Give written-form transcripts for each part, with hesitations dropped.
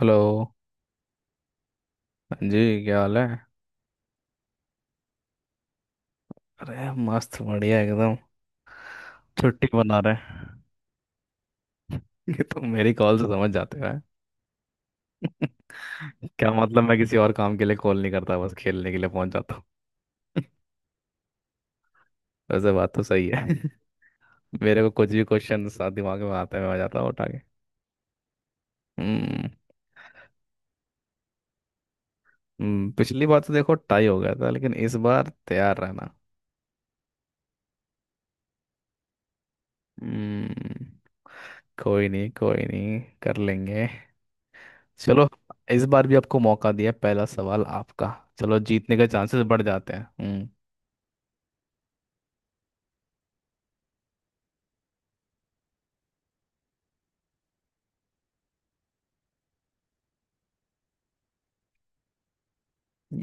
Hello. हाँ जी, क्या हाल है। अरे मस्त बढ़िया एकदम। छुट्टी बना रहे हैं। ये तो मेरी कॉल से समझ जाते हो हैं? क्या मतलब, मैं किसी और काम के लिए कॉल नहीं करता, बस खेलने के लिए पहुंच जाता हूँ। वैसे बात तो सही है। मेरे को कुछ भी क्वेश्चन साथ दिमाग में आते हुए आ जाता है उठा के। हम्म। पिछली बार तो देखो टाई हो गया था लेकिन इस बार तैयार रहना। हम्म कोई नहीं कर लेंगे। चलो, इस बार भी आपको मौका दिया, पहला सवाल आपका। चलो जीतने के चांसेस बढ़ जाते हैं। हम्म।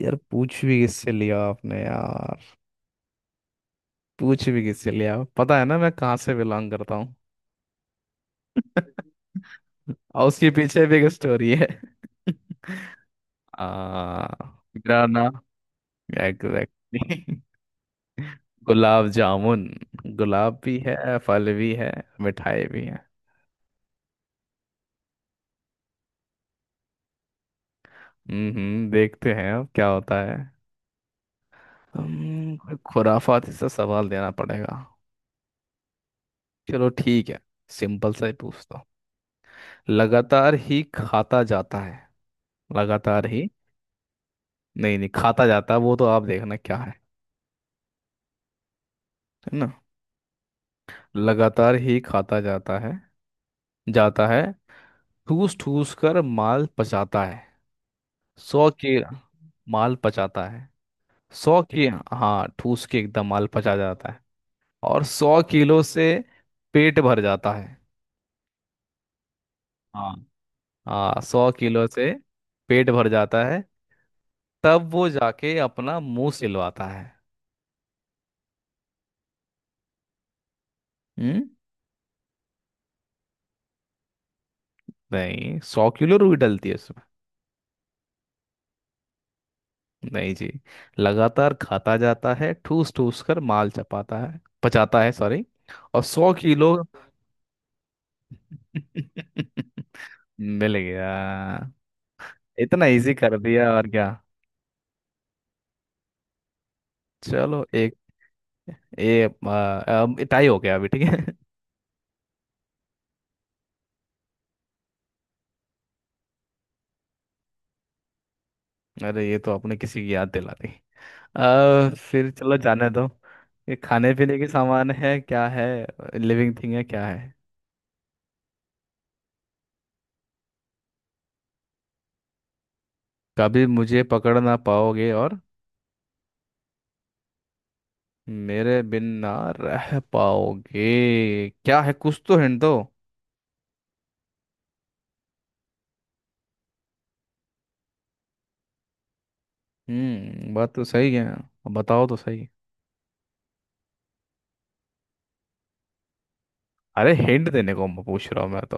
यार पूछ भी किससे लिया आपने, यार पूछ भी किससे लिया, पता है ना मैं कहाँ से बिलोंग करता हूँ। और उसके पीछे भी एक स्टोरी है। आ, मेरा नाम एग्जैक्टली। गुलाब जामुन। गुलाब भी है, फल भी है, मिठाई भी है। हम्म। देखते हैं अब क्या होता है। कोई खुराफाती सा सवाल देना पड़ेगा। चलो ठीक है, सिंपल सा ही पूछता हूँ। लगातार ही खाता जाता है, लगातार ही। नहीं नहीं, खाता जाता वो तो, आप देखना क्या है। है ना। लगातार ही खाता जाता है जाता है ठूस ठूस कर माल पचाता है, सौ के माल पचाता है, सौ के। हाँ, ठूस के एकदम माल पचा जाता है। और सौ किलो से पेट भर जाता है। हाँ। हाँ, सौ किलो से पेट भर जाता है। तब वो जाके अपना मुंह सिलवाता है। हम्म नहीं, सौ किलो रुई डलती है उसमें। नहीं जी। लगातार खाता जाता है, ठूस ठूस कर माल चपाता है, पचाता है सॉरी, और सौ किलो। मिल गया। इतना इजी कर दिया और क्या। चलो एक। ये अब टाई हो गया अभी, ठीक है। अरे ये तो आपने किसी की याद दिला दी। फिर चलो जाने दो। ये खाने पीने के सामान है, क्या है। लिविंग थिंग है, क्या है। कभी मुझे पकड़ ना पाओगे और मेरे बिन ना रह पाओगे, क्या है, कुछ तो हिंट दो। बात तो सही है, अब बताओ तो सही। अरे हिंट देने को मैं पूछ रहा हूँ, मैं तो।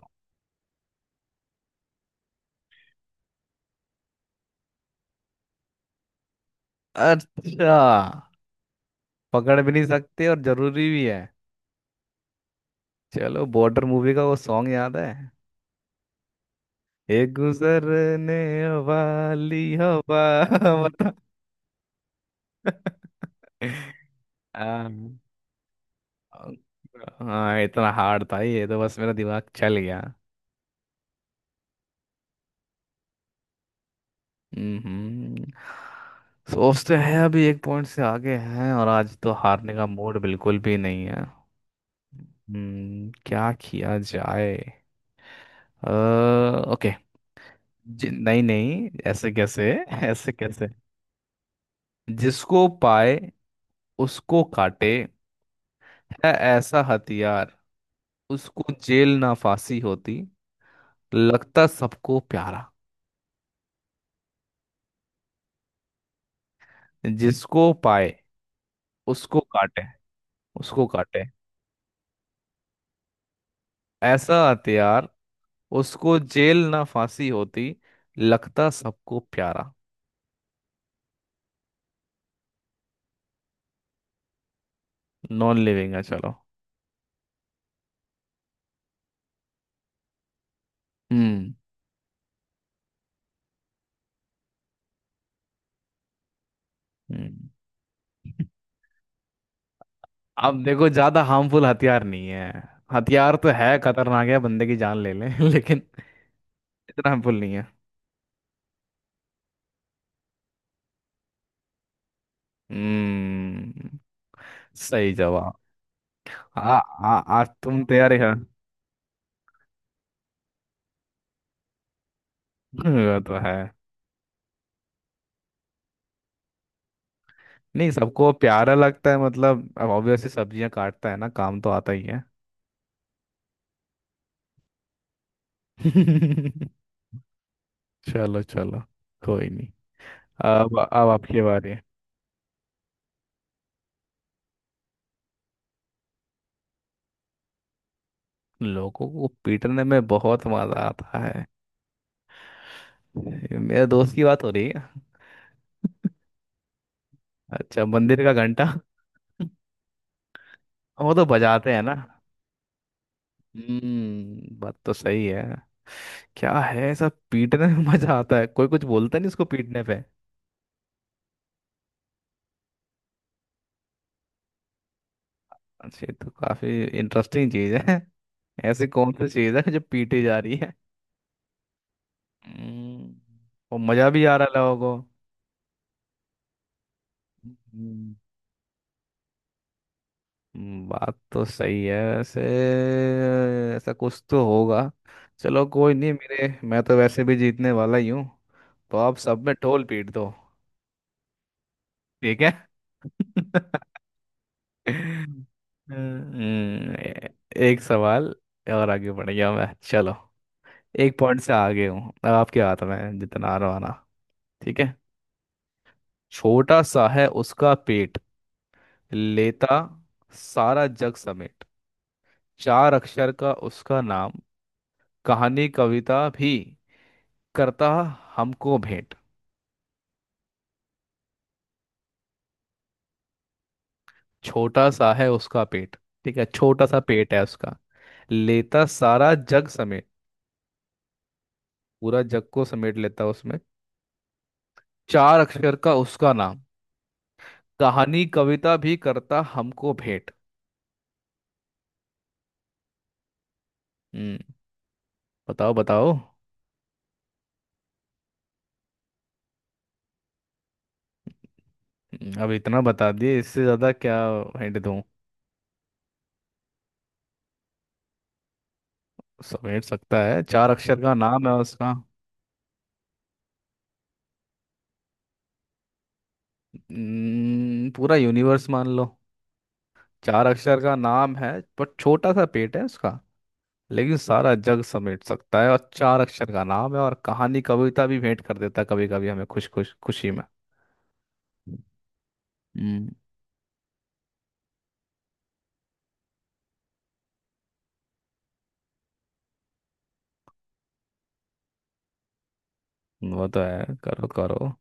अच्छा, पकड़ भी नहीं सकते और जरूरी भी है। चलो, बॉर्डर मूवी का वो सॉन्ग याद है। एक गुजरने वाली हवा। बता। हाँ। हाँ, इतना हार्ड था ये, तो बस मेरा दिमाग चल गया। हम्म। सोचते हैं अभी एक पॉइंट से आगे हैं और आज तो हारने का मूड बिल्कुल भी नहीं है। क्या किया जाए। अ, ओके। नहीं नहीं, ऐसे कैसे। ऐसे कैसे। जिसको पाए उसको काटे, है ऐसा हथियार, उसको जेल ना फांसी होती, लगता सबको प्यारा। जिसको पाए उसको काटे उसको काटे ऐसा हथियार, उसको जेल ना फांसी होती, लगता सबको प्यारा। नॉन लिविंग है, चलो। हम्म। हम्म अब देखो, ज्यादा हार्मफुल हथियार नहीं है। हथियार तो है, खतरनाक है, बंदे की जान ले ले लेकिन इतना हार्मफुल नहीं है। हम्म। सही जवाब। आ, आ, आज तुम तैयार है। वो तो है। नहीं, सबको प्यारा लगता है मतलब, अब ऑब्वियसली सब्जियां काटता है ना, काम तो आता ही है। चलो चलो, कोई नहीं। अब, अब आपकी बारी। लोगों को पीटने में बहुत मजा आता है। ये मेरे दोस्त की बात हो रही है। अच्छा, मंदिर का घंटा। वो तो बजाते हैं ना। बात तो सही है। क्या है, सब पीटने में मजा आता है, कोई कुछ बोलता नहीं उसको पीटने पे। अच्छा, ये तो काफी इंटरेस्टिंग चीज है। ऐसी कौन सी चीज है जो पीटी जा रही है। हम्म, और मजा भी आ रहा है लोगों को। बात तो सही है वैसे। ऐसा कुछ तो होगा। चलो कोई नहीं, मेरे, मैं तो वैसे भी जीतने वाला ही हूँ। तो आप सब में ढोल पीट दो। ठीक है। हम्म, ए- एक सवाल और आगे बढ़ गया मैं, चलो। एक पॉइंट से आगे हूँ, अब आपके हाथ में है जितना आ रहा आना। ठीक है। छोटा सा है उसका पेट, लेता सारा जग समेट, चार अक्षर का उसका नाम, कहानी कविता भी करता हमको भेंट। छोटा सा है उसका पेट, ठीक है, छोटा सा पेट है उसका, लेता सारा जग समेट, पूरा जग को समेट लेता उसमें, चार अक्षर का उसका नाम, कहानी कविता भी करता हमको भेंट। हम्म। बताओ बताओ। अब इतना बता दिए, इससे ज्यादा क्या हिंट दूं। समेट सकता है, चार अक्षर का नाम है उसका। पूरा यूनिवर्स मान लो। चार अक्षर का नाम है, पर छोटा सा पेट है उसका, लेकिन सारा जग समेट सकता है, और चार अक्षर का नाम है, और कहानी कविता भी भेंट कर देता है कभी कभी हमें खुश खुश खुशी में। हम्म। वो तो है, करो करो।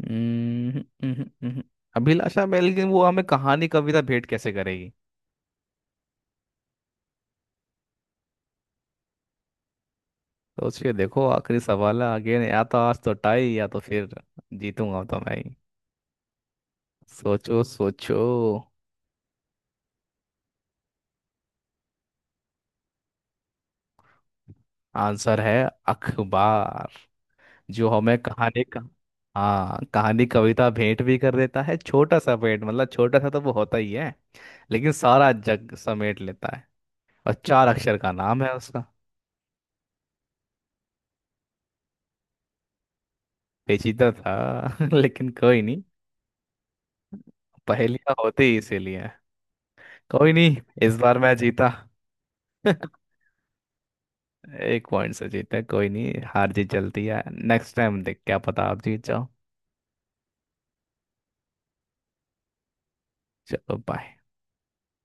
हम्म। अभिलाषा में लेकिन वो हमें कहानी कविता भेंट कैसे करेगी। सोचिए देखो, आखिरी सवाल है आगे, या तो आज तो टाई या तो फिर जीतूंगा तो मैं ही। सोचो सोचो। आंसर है अखबार, जो हमें कहानी का। हाँ, कहानी कविता भेंट भी कर देता है, छोटा सा भेंट मतलब, छोटा सा तो वो होता ही है लेकिन सारा जग समेट लेता है, और चार अक्षर का नाम है उसका। पेचीदा था लेकिन कोई नहीं, पहेलियां होती ही इसीलिए हैं। कोई नहीं, इस बार मैं जीता। एक पॉइंट से जीता, कोई नहीं, हार जीत चलती है, नेक्स्ट टाइम देख क्या पता आप जीत जाओ। चलो बाय।